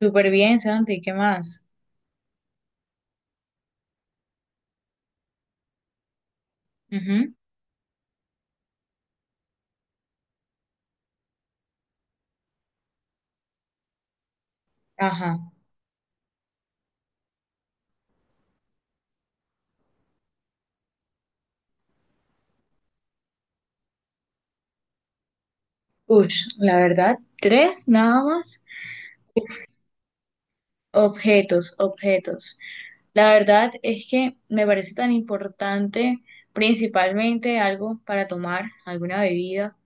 Súper bien, Santi, ¿qué más? Ujú. Ajá. Ush, la verdad, tres nada más. Objetos, objetos. La verdad es que me parece tan importante, principalmente algo para tomar, alguna bebida.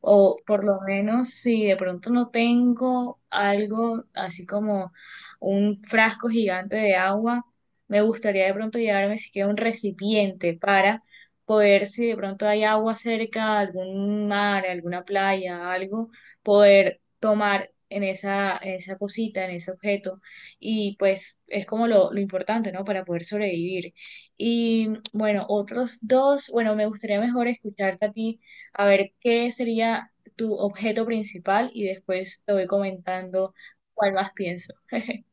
O por lo menos si de pronto no tengo algo así como un frasco gigante de agua, me gustaría de pronto llevarme siquiera un recipiente para poder, si de pronto hay agua cerca, algún mar, alguna playa, algo, poder tomar en esa cosita, en ese objeto. Y pues es como lo importante, ¿no? Para poder sobrevivir. Y bueno, otros dos, bueno, me gustaría mejor escucharte a ti a ver qué sería tu objeto principal y después te voy comentando cuál más pienso.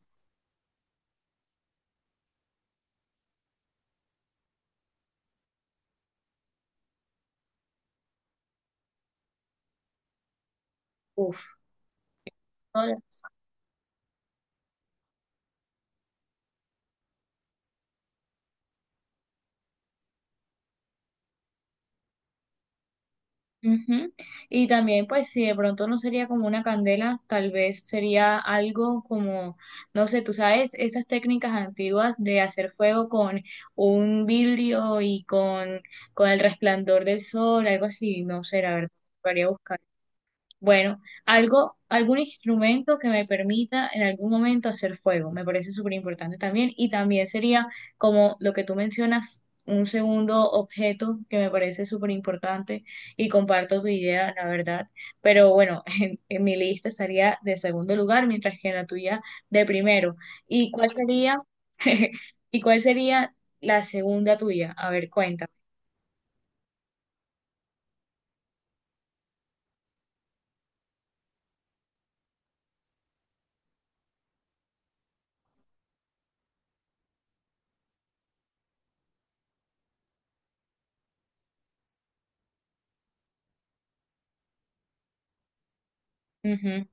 Uf. Hola. Ujú. Y también, pues, si de pronto no sería como una candela, tal vez sería algo como, no sé, tú sabes, esas técnicas antiguas de hacer fuego con un vidrio y con el resplandor del sol, algo así, no sé, la verdad, haría buscar. Bueno, algo, algún instrumento que me permita en algún momento hacer fuego, me parece súper importante también. Y también sería como lo que tú mencionas, un segundo objeto que me parece súper importante y comparto tu idea, la verdad. Pero bueno, en mi lista estaría de segundo lugar, mientras que en la tuya de primero. ¿Y cuál sería, y cuál sería la segunda tuya? A ver, cuéntame. Ujú,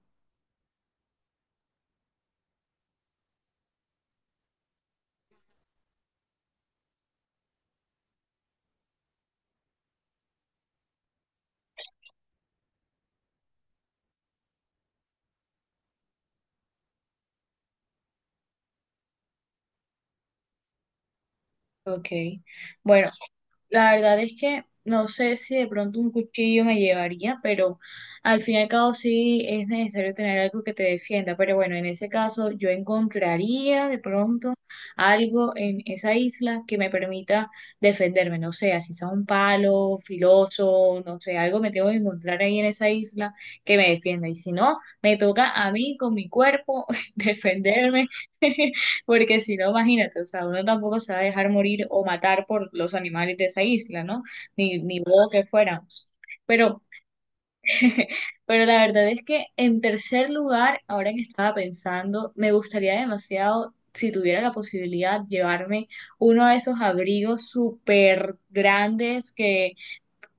ok. Bueno. La verdad es que no sé si de pronto un cuchillo me llevaría, pero al fin y al cabo sí es necesario tener algo que te defienda. Pero bueno, en ese caso yo encontraría de pronto algo en esa isla que me permita defenderme. No sé, así sea un palo filoso, no sé, algo me tengo que encontrar ahí en esa isla que me defienda. Y si no, me toca a mí con mi cuerpo defenderme. Porque si no, imagínate, o sea, uno tampoco se va a dejar morir o matar por los animales de esa isla, ¿no? Ni modo que fuéramos. Pero, pero la verdad es que en tercer lugar, ahora que estaba pensando, me gustaría demasiado, si tuviera la posibilidad, llevarme uno de esos abrigos súper grandes que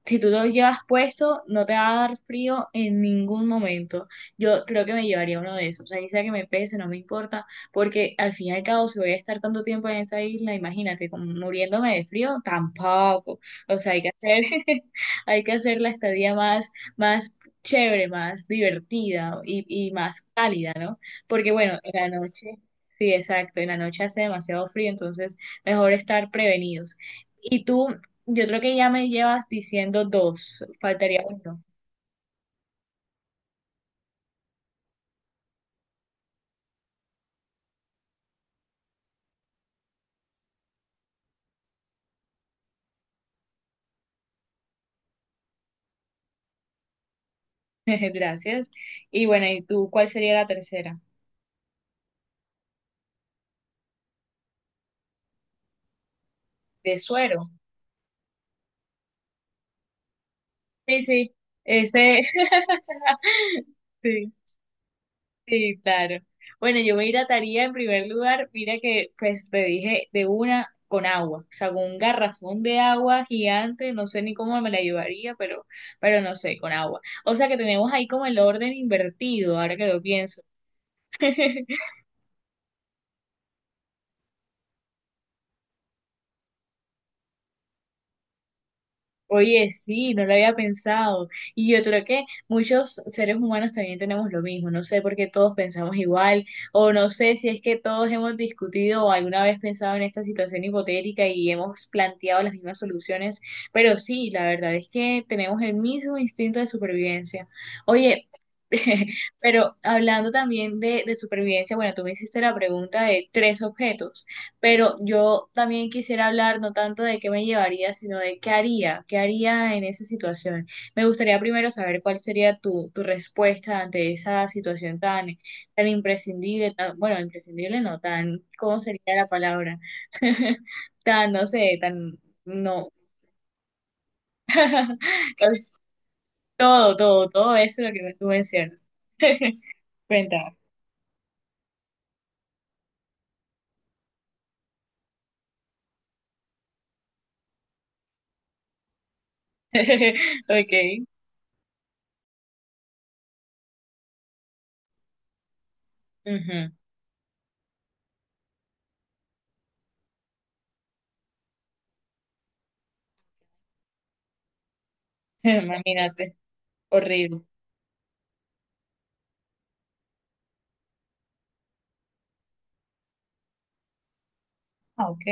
si tú lo llevas puesto, no te va a dar frío en ningún momento. Yo creo que me llevaría uno de esos. O sea, y sea que me pese, no me importa, porque al fin y al cabo, si voy a estar tanto tiempo en esa isla, imagínate, como muriéndome de frío, tampoco. O sea, hay que hacer, hay que hacer la estadía más, más chévere, más divertida y más cálida, ¿no? Porque bueno, en la noche, sí, exacto, en la noche hace demasiado frío, entonces mejor estar prevenidos. ¿Y tú yo creo que ya me llevas diciendo dos, faltaría uno. Gracias. Y bueno, ¿y tú cuál sería la tercera? De suero. Sí, sí, ese, sí, sí, claro. Bueno, yo me hidrataría en primer lugar, mira que pues te dije de una con agua, o sea, con un garrafón de agua gigante, no sé ni cómo me la llevaría, pero no sé, con agua. O sea que tenemos ahí como el orden invertido, ahora que lo pienso. Oye, sí, no lo había pensado. Y yo creo que muchos seres humanos también tenemos lo mismo. No sé por qué todos pensamos igual, o no sé si es que todos hemos discutido o alguna vez pensado en esta situación hipotética y hemos planteado las mismas soluciones. Pero sí, la verdad es que tenemos el mismo instinto de supervivencia. Oye, pero hablando también de supervivencia, bueno, tú me hiciste la pregunta de tres objetos. Pero yo también quisiera hablar no tanto de qué me llevaría, sino de qué haría en esa situación. Me gustaría primero saber cuál sería tu, tu respuesta ante esa situación tan, tan imprescindible, tan, bueno, imprescindible no, tan, ¿cómo sería la palabra? Tan, no sé, tan, no, es todo, todo, todo eso lo que tú mencionas. Cuéntame. Ok. Ujú. Imagínate, horrible. Ah, ok.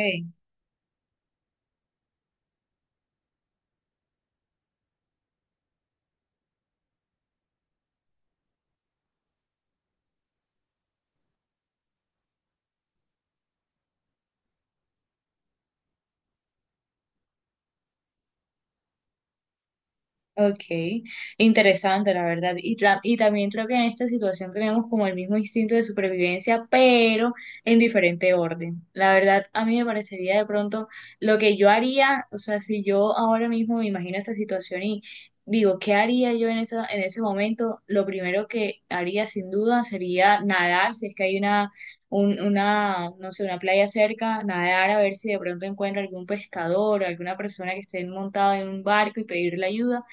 Okay, interesante la verdad. Y, tra- y también creo que en esta situación tenemos como el mismo instinto de supervivencia, pero en diferente orden. La verdad, a mí me parecería de pronto lo que yo haría, o sea, si yo ahora mismo me imagino esta situación y digo, ¿qué haría yo en esa, en ese momento? Lo primero que haría sin duda sería nadar, si es que hay una, un- una, no sé, una playa cerca, nadar a ver si de pronto encuentro algún pescador, alguna persona que esté montada en un barco y pedirle ayuda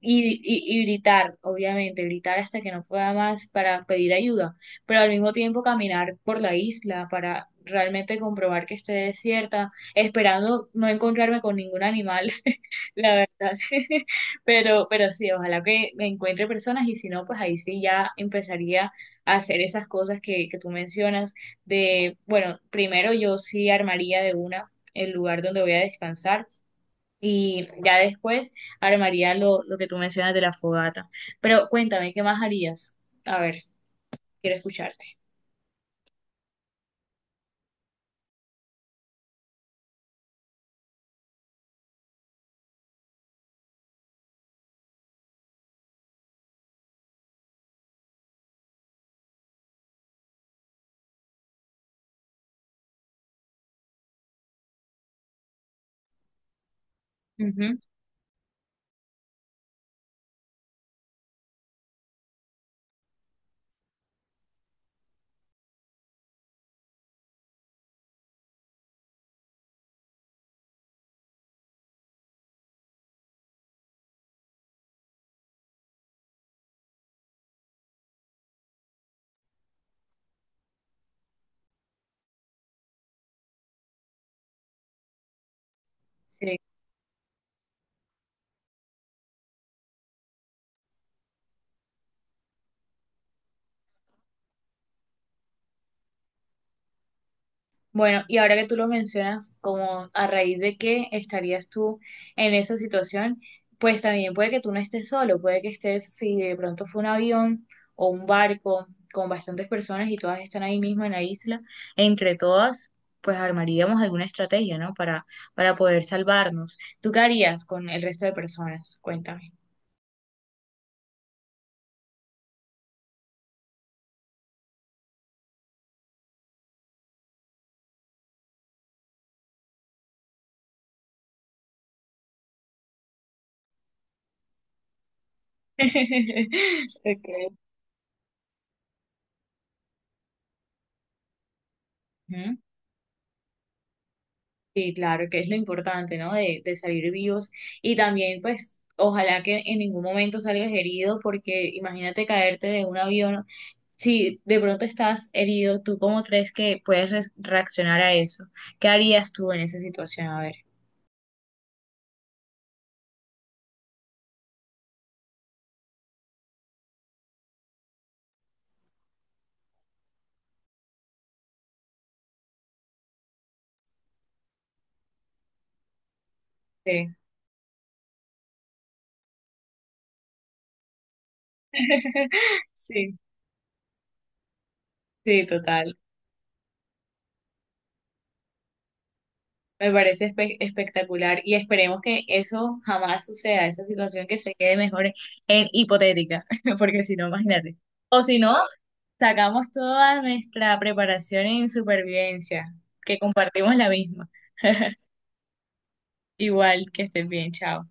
y gritar, obviamente, gritar hasta que no pueda más para pedir ayuda, pero al mismo tiempo caminar por la isla para realmente comprobar que esté desierta, esperando no encontrarme con ningún animal, la verdad. Pero sí, ojalá que me encuentre personas y si no, pues ahí sí ya empezaría a hacer esas cosas que tú mencionas de, bueno, primero yo sí armaría de una el lugar donde voy a descansar y ya después armaría lo que tú mencionas de la fogata. Pero cuéntame, ¿qué más harías? A ver, quiero escucharte. Ujú. Sí. Bueno, y ahora que tú lo mencionas, como a raíz de que estarías tú en esa situación, pues también puede que tú no estés solo, puede que estés, si de pronto fue un avión o un barco con bastantes personas y todas están ahí mismo en la isla, entre todas, pues armaríamos alguna estrategia, ¿no? Para poder salvarnos. ¿Tú qué harías con el resto de personas? Cuéntame. Okay. Sí, claro, que es lo importante, ¿no? De salir vivos y también, pues, ojalá que en ningún momento salgas herido, porque imagínate caerte de un avión. Si de pronto estás herido, ¿tú cómo crees que puedes re- reaccionar a eso? ¿Qué harías tú en esa situación? A ver. Sí. Sí, sí, total. Me parece espe- espectacular y esperemos que eso jamás suceda, esa situación que se quede mejor en hipotética, porque si no, imagínate. O si no, sacamos toda nuestra preparación en supervivencia, que compartimos la misma. Igual, que estén bien, chao.